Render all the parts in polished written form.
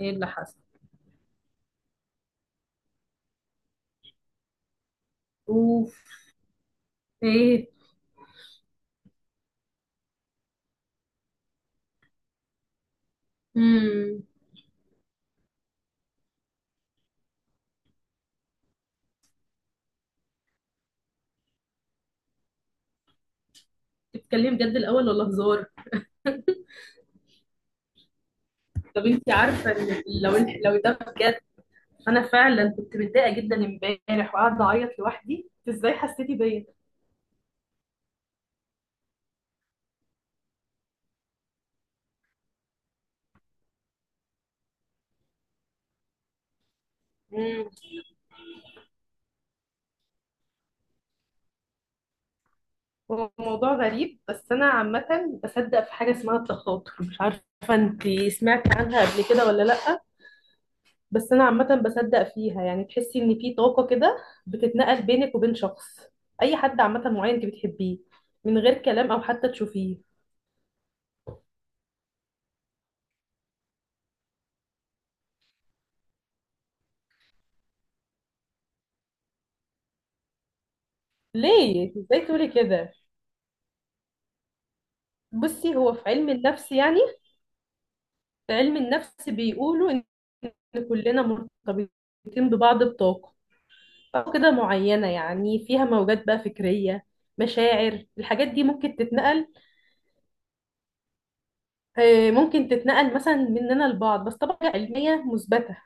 ايه اللي حصل؟ اوف. ايه؟ امم. بتتكلمي بجد الاول ولا هزار؟ طب انت عارفه ان لو ده بجد انا فعلا كنت متضايقه جدا امبارح وقاعده اعيط لوحدي. إنت ازاي حسيتي بيا؟ امم. هو موضوع غريب، بس انا عامه بصدق في حاجه اسمها التخاطر. مش عارفه، انت سمعتي عنها قبل كده ولا لا؟ بس انا عامه بصدق فيها، يعني تحسي ان في طاقه كده بتتنقل بينك وبين شخص، اي حد عامه معين انت بتحبيه، من غير كلام او حتى تشوفيه. ليه، ازاي تقولي كده؟ بصي، هو في علم النفس يعني، في علم النفس بيقولوا ان كلنا مرتبطين ببعض بطاقة، طاقة كده معينة، يعني فيها موجات بقى فكرية، مشاعر، الحاجات دي ممكن تتنقل. ممكن تتنقل مثلا مننا لبعض، بس طبعا علمية مثبتة.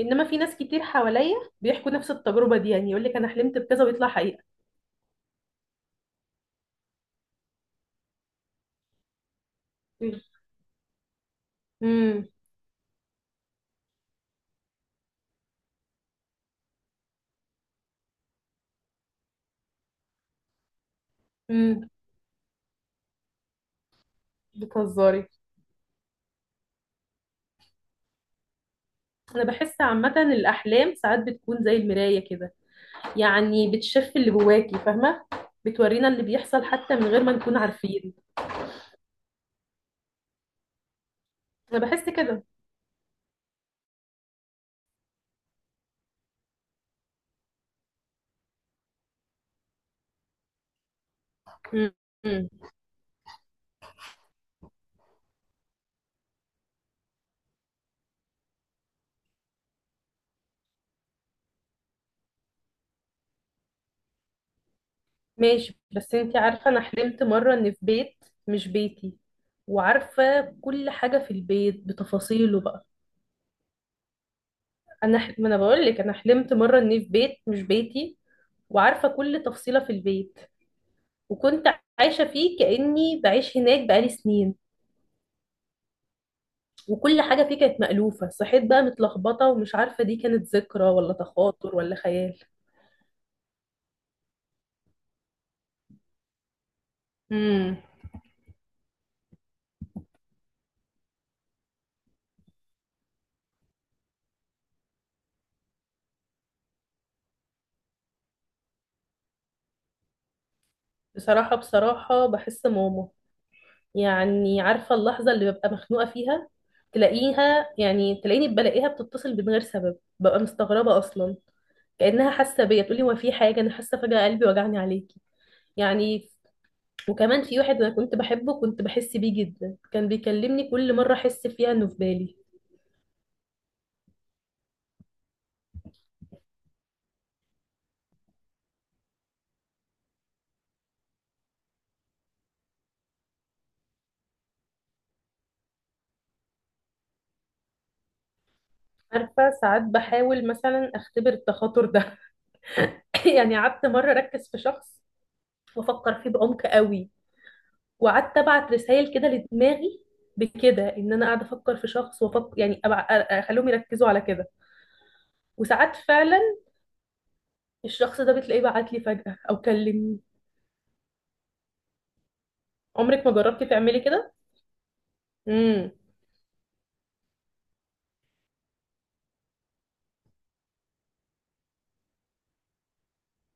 انما في ناس كتير حواليا بيحكوا نفس التجربة دي، يعني يقول لك انا حلمت بكذا ويطلع حقيقة. امم. امم. بتهزري؟ انا بحس عامة الاحلام ساعات بتكون زي المراية كده، يعني بتشف اللي جواكي، فاهمة؟ بتورينا اللي بيحصل حتى من غير ما نكون عارفين. انا بحس كده. م- م. ماشي، بس انتي عارفة انا حلمت مرة ان في بيت، مش بيتي، وعارفة كل حاجة في البيت بتفاصيله بقى. ما انا بقول لك انا حلمت مرة اني في بيت مش بيتي، وعارفة كل تفصيلة في البيت. وكنت عايشة فيه كأني بعيش هناك بقالي سنين، وكل حاجة فيه كانت مألوفة. صحيت بقى متلخبطة ومش عارفة دي كانت ذكرى ولا تخاطر ولا خيال. امم. بصراحة بحس ماما، يعني عارفة اللحظة اللي ببقى مخنوقة فيها تلاقيها، يعني تلاقيني بلاقيها بتتصل من غير سبب، ببقى مستغربة أصلا. كأنها حاسة بيا، تقولي هو في حاجة، أنا حاسة فجأة قلبي وجعني عليكي، يعني. وكمان في واحد أنا كنت بحبه، كنت بحس بيه جدا، كان بيكلمني كل مرة أحس فيها إنه في بالي. عارفة ساعات بحاول مثلا أختبر التخاطر ده يعني قعدت مرة أركز في شخص وأفكر فيه بعمق قوي، وقعدت ابعت رسائل كده لدماغي، بكده ان انا قاعده افكر في شخص وافكر، يعني اخليهم يركزوا على كده. وساعات فعلا الشخص ده بتلاقيه بعت لي فجأة او كلمني. عمرك ما جربتي تعملي كده؟ امم.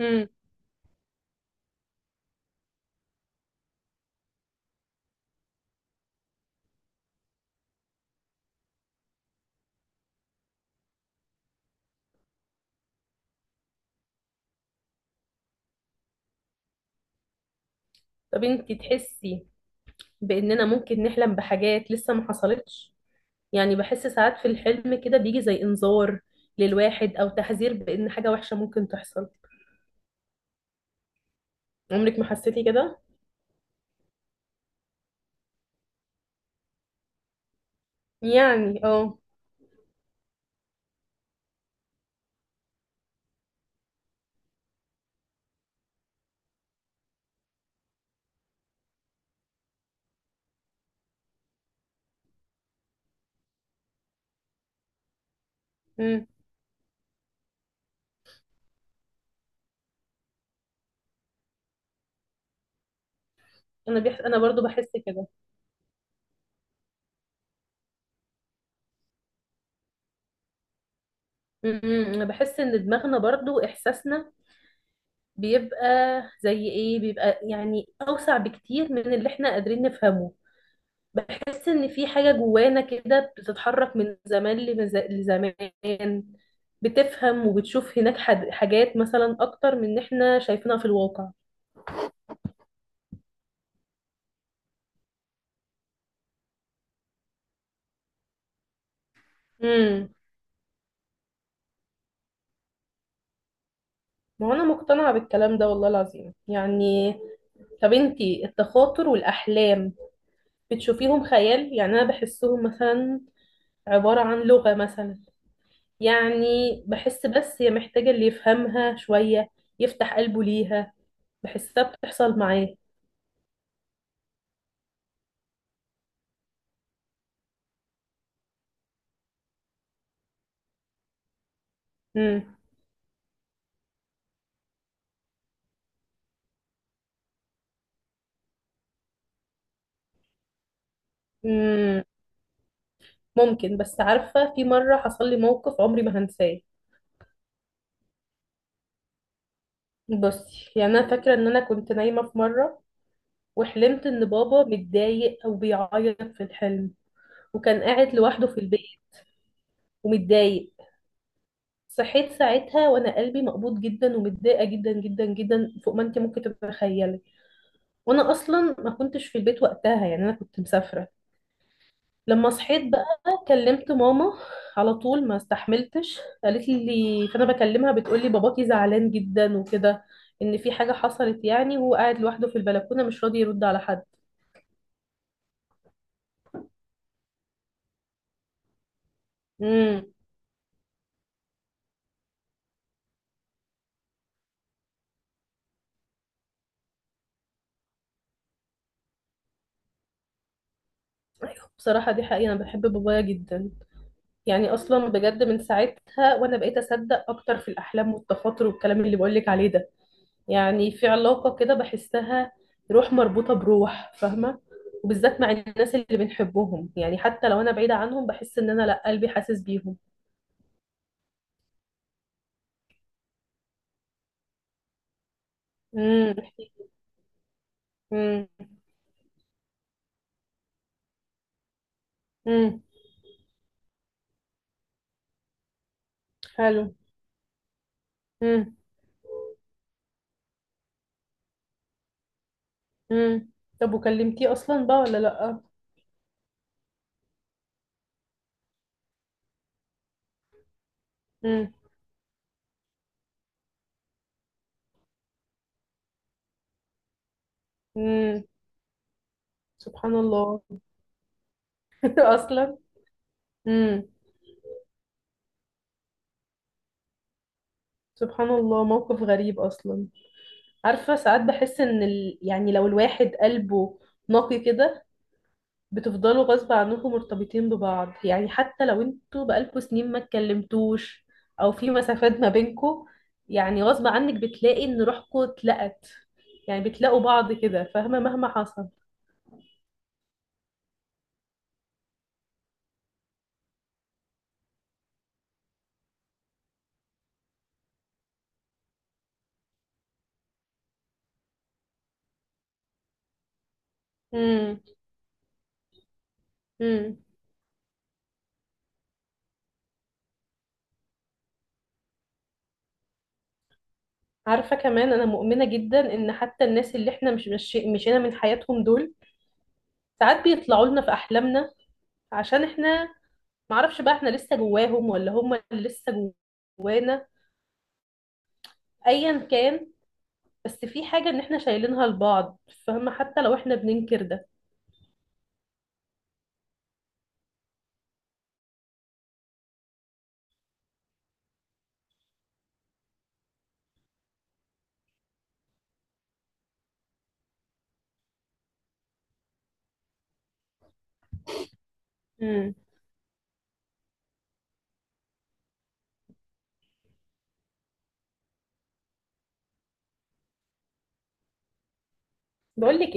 امم. طب انتي تحسي باننا ممكن نحلم بحاجات لسه ما حصلتش؟ يعني بحس ساعات في الحلم كده بيجي زي انذار للواحد، او تحذير بان حاجه وحشه ممكن تحصل. عمرك ما حسيتي كده؟ يعني اه. امم. انا برضو بحس كده. أنا بحس ان دماغنا برضو احساسنا بيبقى، زي ايه بيبقى، يعني اوسع بكتير من اللي احنا قادرين نفهمه. بحس ان في حاجة جوانا كده بتتحرك من زمان لزمان، بتفهم وبتشوف هناك حاجات مثلا اكتر من ان احنا شايفينها في الواقع. امم. ما هو انا مقتنعة بالكلام ده والله العظيم، يعني. طب انتي التخاطر والأحلام بتشوفيهم خيال؟ يعني أنا بحسهم مثلا عبارة عن لغة مثلا، يعني بحس بس هي محتاجة اللي يفهمها شوية، يفتح قلبه ليها، بحسها بتحصل معاه. مم. مم. ممكن، بس عارفة في مرة حصل لي موقف عمري ما هنساه. بصي، يعني أنا فاكرة إن أنا كنت نايمة في مرة، وحلمت إن بابا متضايق أو بيعيط في الحلم، وكان قاعد لوحده في البيت ومتضايق. صحيت ساعتها وأنا قلبي مقبوض جدا ومتضايقة جدا جدا جدا، فوق ما أنت ممكن تتخيلي. وأنا أصلا ما كنتش في البيت وقتها، يعني أنا كنت مسافرة. لما صحيت بقى كلمت ماما على طول، ما استحملتش. قالت لي، فانا بكلمها بتقول لي باباكي زعلان جدا وكده، ان في حاجه حصلت يعني، وهو قاعد لوحده في البلكونه مش راضي يرد على حد. امم. بصراحه دي حقيقه، انا بحب بابايا جدا. يعني اصلا بجد من ساعتها وانا بقيت اصدق اكتر في الاحلام والتخاطر والكلام اللي بقول لك عليه ده، يعني في علاقة كده بحسها، روح مربوطة بروح، فاهمة؟ وبالذات مع الناس اللي بنحبهم، يعني حتى لو أنا بعيدة عنهم بحس إن أنا لأ، قلبي حاسس بيهم. امم. امم. امم. حلو. امم. امم. طب وكلمتيه أصلا بقى ولا لأ؟ امم. امم. سبحان الله. أصلا. امم. سبحان الله، موقف غريب أصلا. عارفة ساعات بحس إن يعني لو الواحد قلبه نقي كده بتفضلوا غصب عنكم مرتبطين ببعض، يعني حتى لو انتوا بقالكوا سنين ما اتكلمتوش او في مسافات ما بينكوا، يعني غصب عنك بتلاقي ان روحكوا اتلقت، يعني بتلاقوا بعض كده، فاهمة؟ مهما حصل. امم. امم. عارفة كمان انا مؤمنة جدا ان حتى الناس اللي احنا مش مشينا من حياتهم دول، ساعات بيطلعوا لنا في احلامنا. عشان احنا معرفش بقى احنا لسه جواهم، ولا هم لسه جوانا. ايا كان، بس في حاجة ان احنا شايلينها لبعض، فاهمة؟ حتى لو احنا بننكر ده. امم. بقولك